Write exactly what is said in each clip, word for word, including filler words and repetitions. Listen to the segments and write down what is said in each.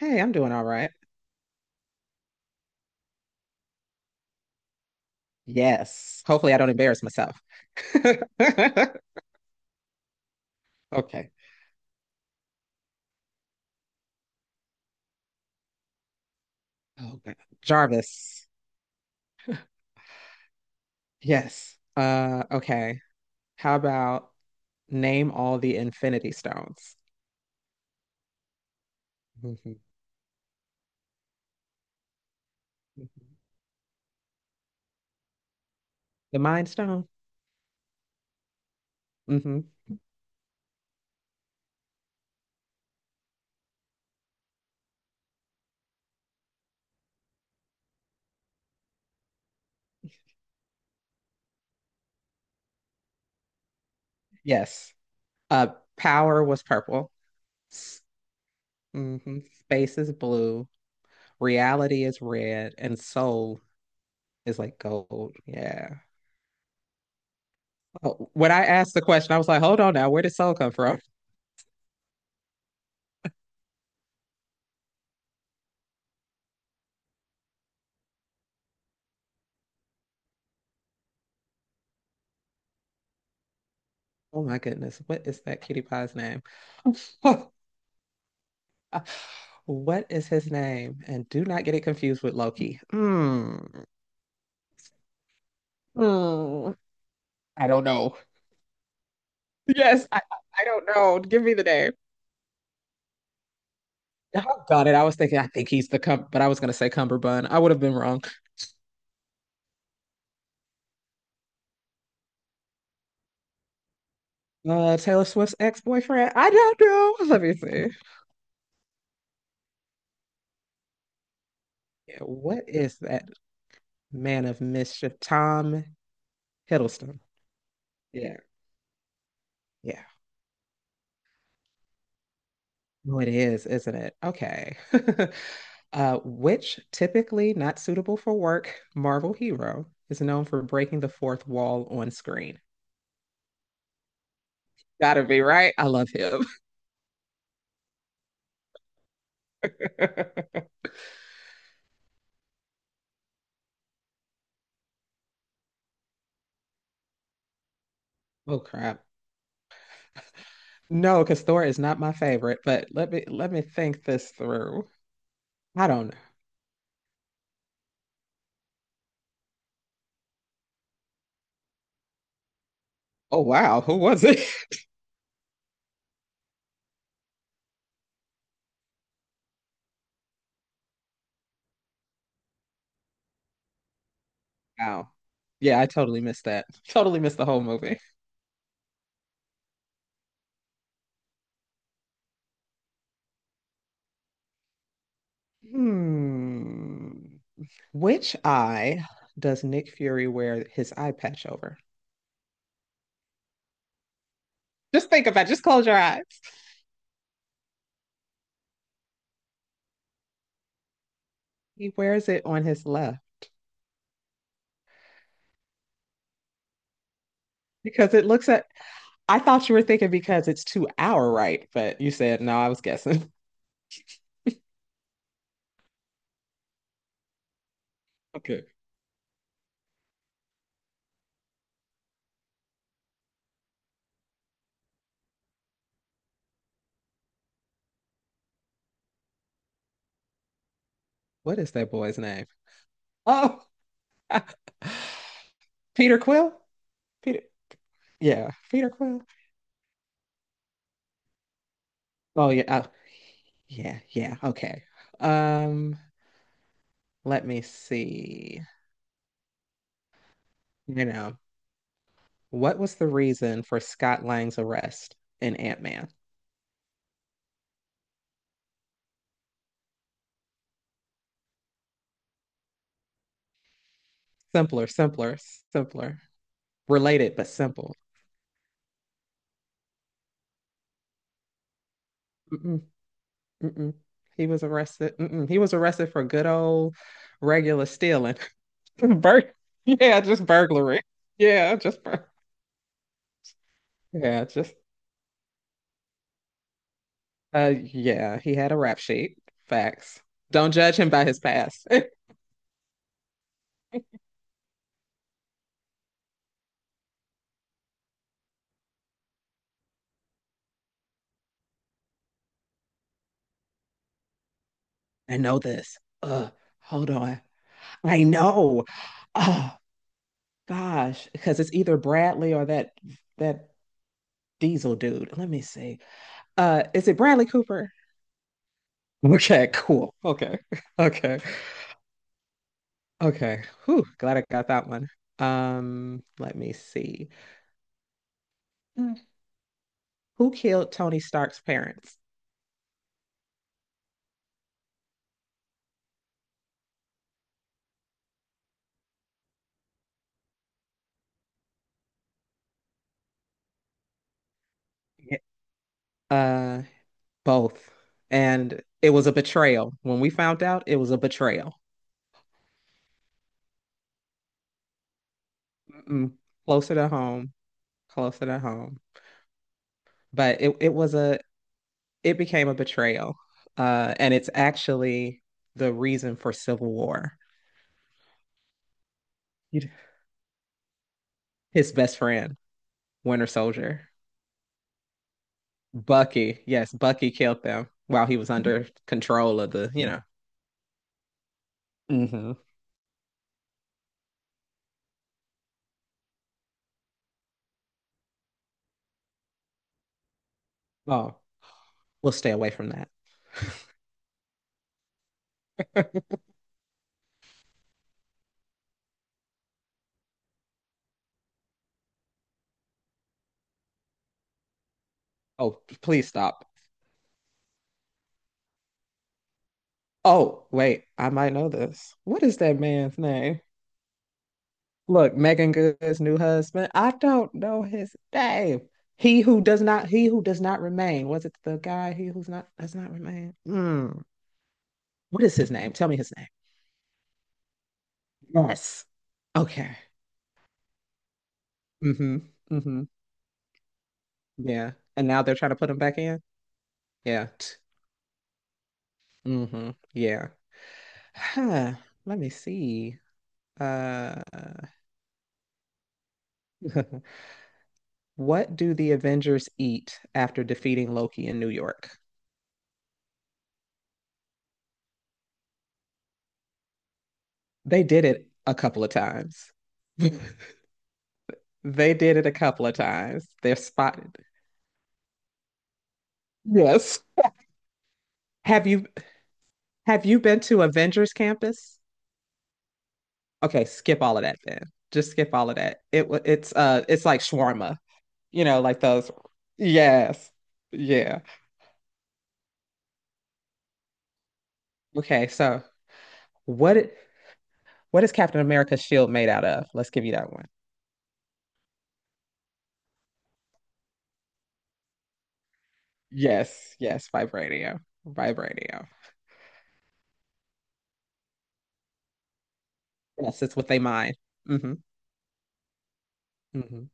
Hey, I'm doing all right. Yes. Hopefully, I don't embarrass myself. Okay. Oh, God. Jarvis. Yes. Uh, okay. How about name all the Infinity Stones? Mhm. The Mind Stone. Hmm. Yes. Uh, power was purple. Hmm. Space is blue. Reality is red, and soul is like gold. Yeah. Oh, when I asked the question, I was like, "Hold on now, where did soul come from?" Oh my goodness, what is that cutie pie's name? What is his name? And do not get it confused with Loki. Mm. Mm. I don't know. Yes, I, I don't know. Give me the name. Oh, got it. I was thinking, I think he's the cum, but I was gonna say Cumberbund. I would have been wrong. Uh, Taylor Swift's ex-boyfriend. I don't know. Let me see. Yeah, what is that man of mischief? Tom Hiddleston. Yeah. Yeah. Oh, it is, isn't it? Okay. Uh, which typically not suitable for work Marvel hero is known for breaking the fourth wall on screen? Gotta be right. I love him. Oh crap. No, because Thor is not my favorite, but let me let me think this through. I don't know. Oh wow, who was it? Wow. Yeah, I totally missed that. Totally missed the whole movie. Hmm. Which eye does Nick Fury wear his eye patch over? Just think about it. Just close your eyes. He wears it on his left because it looks at. I thought you were thinking because it's to our right, but you said no. I was guessing. Okay. What is that boy's name? Oh, Peter Quill. Peter. Yeah, Peter Quill. Oh yeah. Oh, yeah. Yeah. Okay. Um. Let me see. You know what was the reason for Scott Lang's arrest in Ant Man? Simpler, simpler, simpler. Related but simple. Mm-mm. Mm-mm. He was arrested. Mm-mm. He was arrested for good old regular stealing. Bur yeah, just burglary. Yeah, just bur yeah, just uh yeah, he had a rap sheet. Facts. Don't judge him by his past. I know this. Uh, hold on. I know. Oh gosh, because it's either Bradley or that that Diesel dude. Let me see. Uh, is it Bradley Cooper? Okay, cool. Okay. Okay. Okay. Whew, glad I got that one. Um, let me see. Hmm. Who killed Tony Stark's parents? Yeah. Uh, both. And it was a betrayal. When we found out, it was a betrayal. Mm-mm. Closer to home, closer to home. But it it was a it became a betrayal. Uh, and it's actually the reason for Civil War. You- His best friend, Winter Soldier. Bucky, yes, Bucky killed them while he was under control of the, you know. Hmm. Oh, we'll stay away from that. Oh, please stop. Oh, wait, I might know this. What is that man's name? Look, Megan Good's new husband. I don't know his name. He who does not, he who does not remain. Was it the guy? He who's not does not remain. Mm. What is his name? Tell me his name. Yes. Okay. Mm-hmm. Mm-hmm. Yeah. And now they're trying to put him back in. Yeah. T- Mm-hmm. Yeah. Huh. Let me see. Uh, what do the Avengers eat after defeating Loki in New York? They did it a couple of times. They did it a couple of times. They're spotted. Yes. Have you have you been to Avengers Campus? Okay, skip all of that then. Just skip all of that. It wa- it's uh it's like shawarma, you know, like those. Yes. Yeah. Okay, so what What is Captain America's shield made out of? Let's give you that one. Yes, yes, vibranium, vibranium. Yes, it's what they mine. Mm-hmm. Mm-hmm.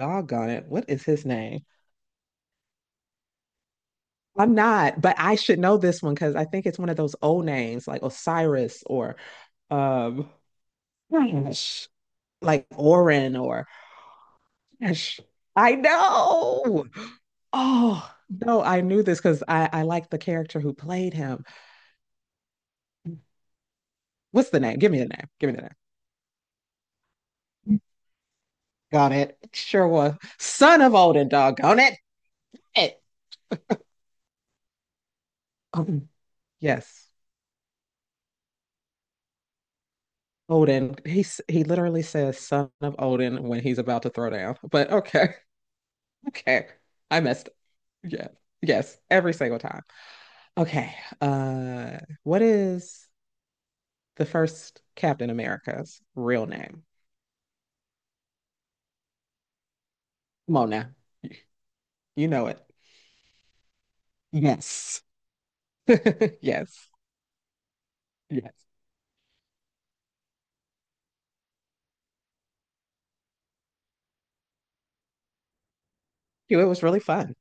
Doggone it. What is his name? I'm not, but I should know this one because I think it's one of those old names like Osiris or um gosh, like Orin or gosh, I know. Oh no, I knew this because I, I like the character who played him. What's the name? Give me the name. Give me the name. Got it. It sure was. Son of Odin, doggone it. it. Um, yes, Odin. He, s- he literally says son of Odin when he's about to throw down. But okay, okay. I messed up. Yeah. Yes, every single time. Okay. Uh, what is the first Captain America's real name? Come on now. You know it. Yes. Yes. Yes. It was really fun.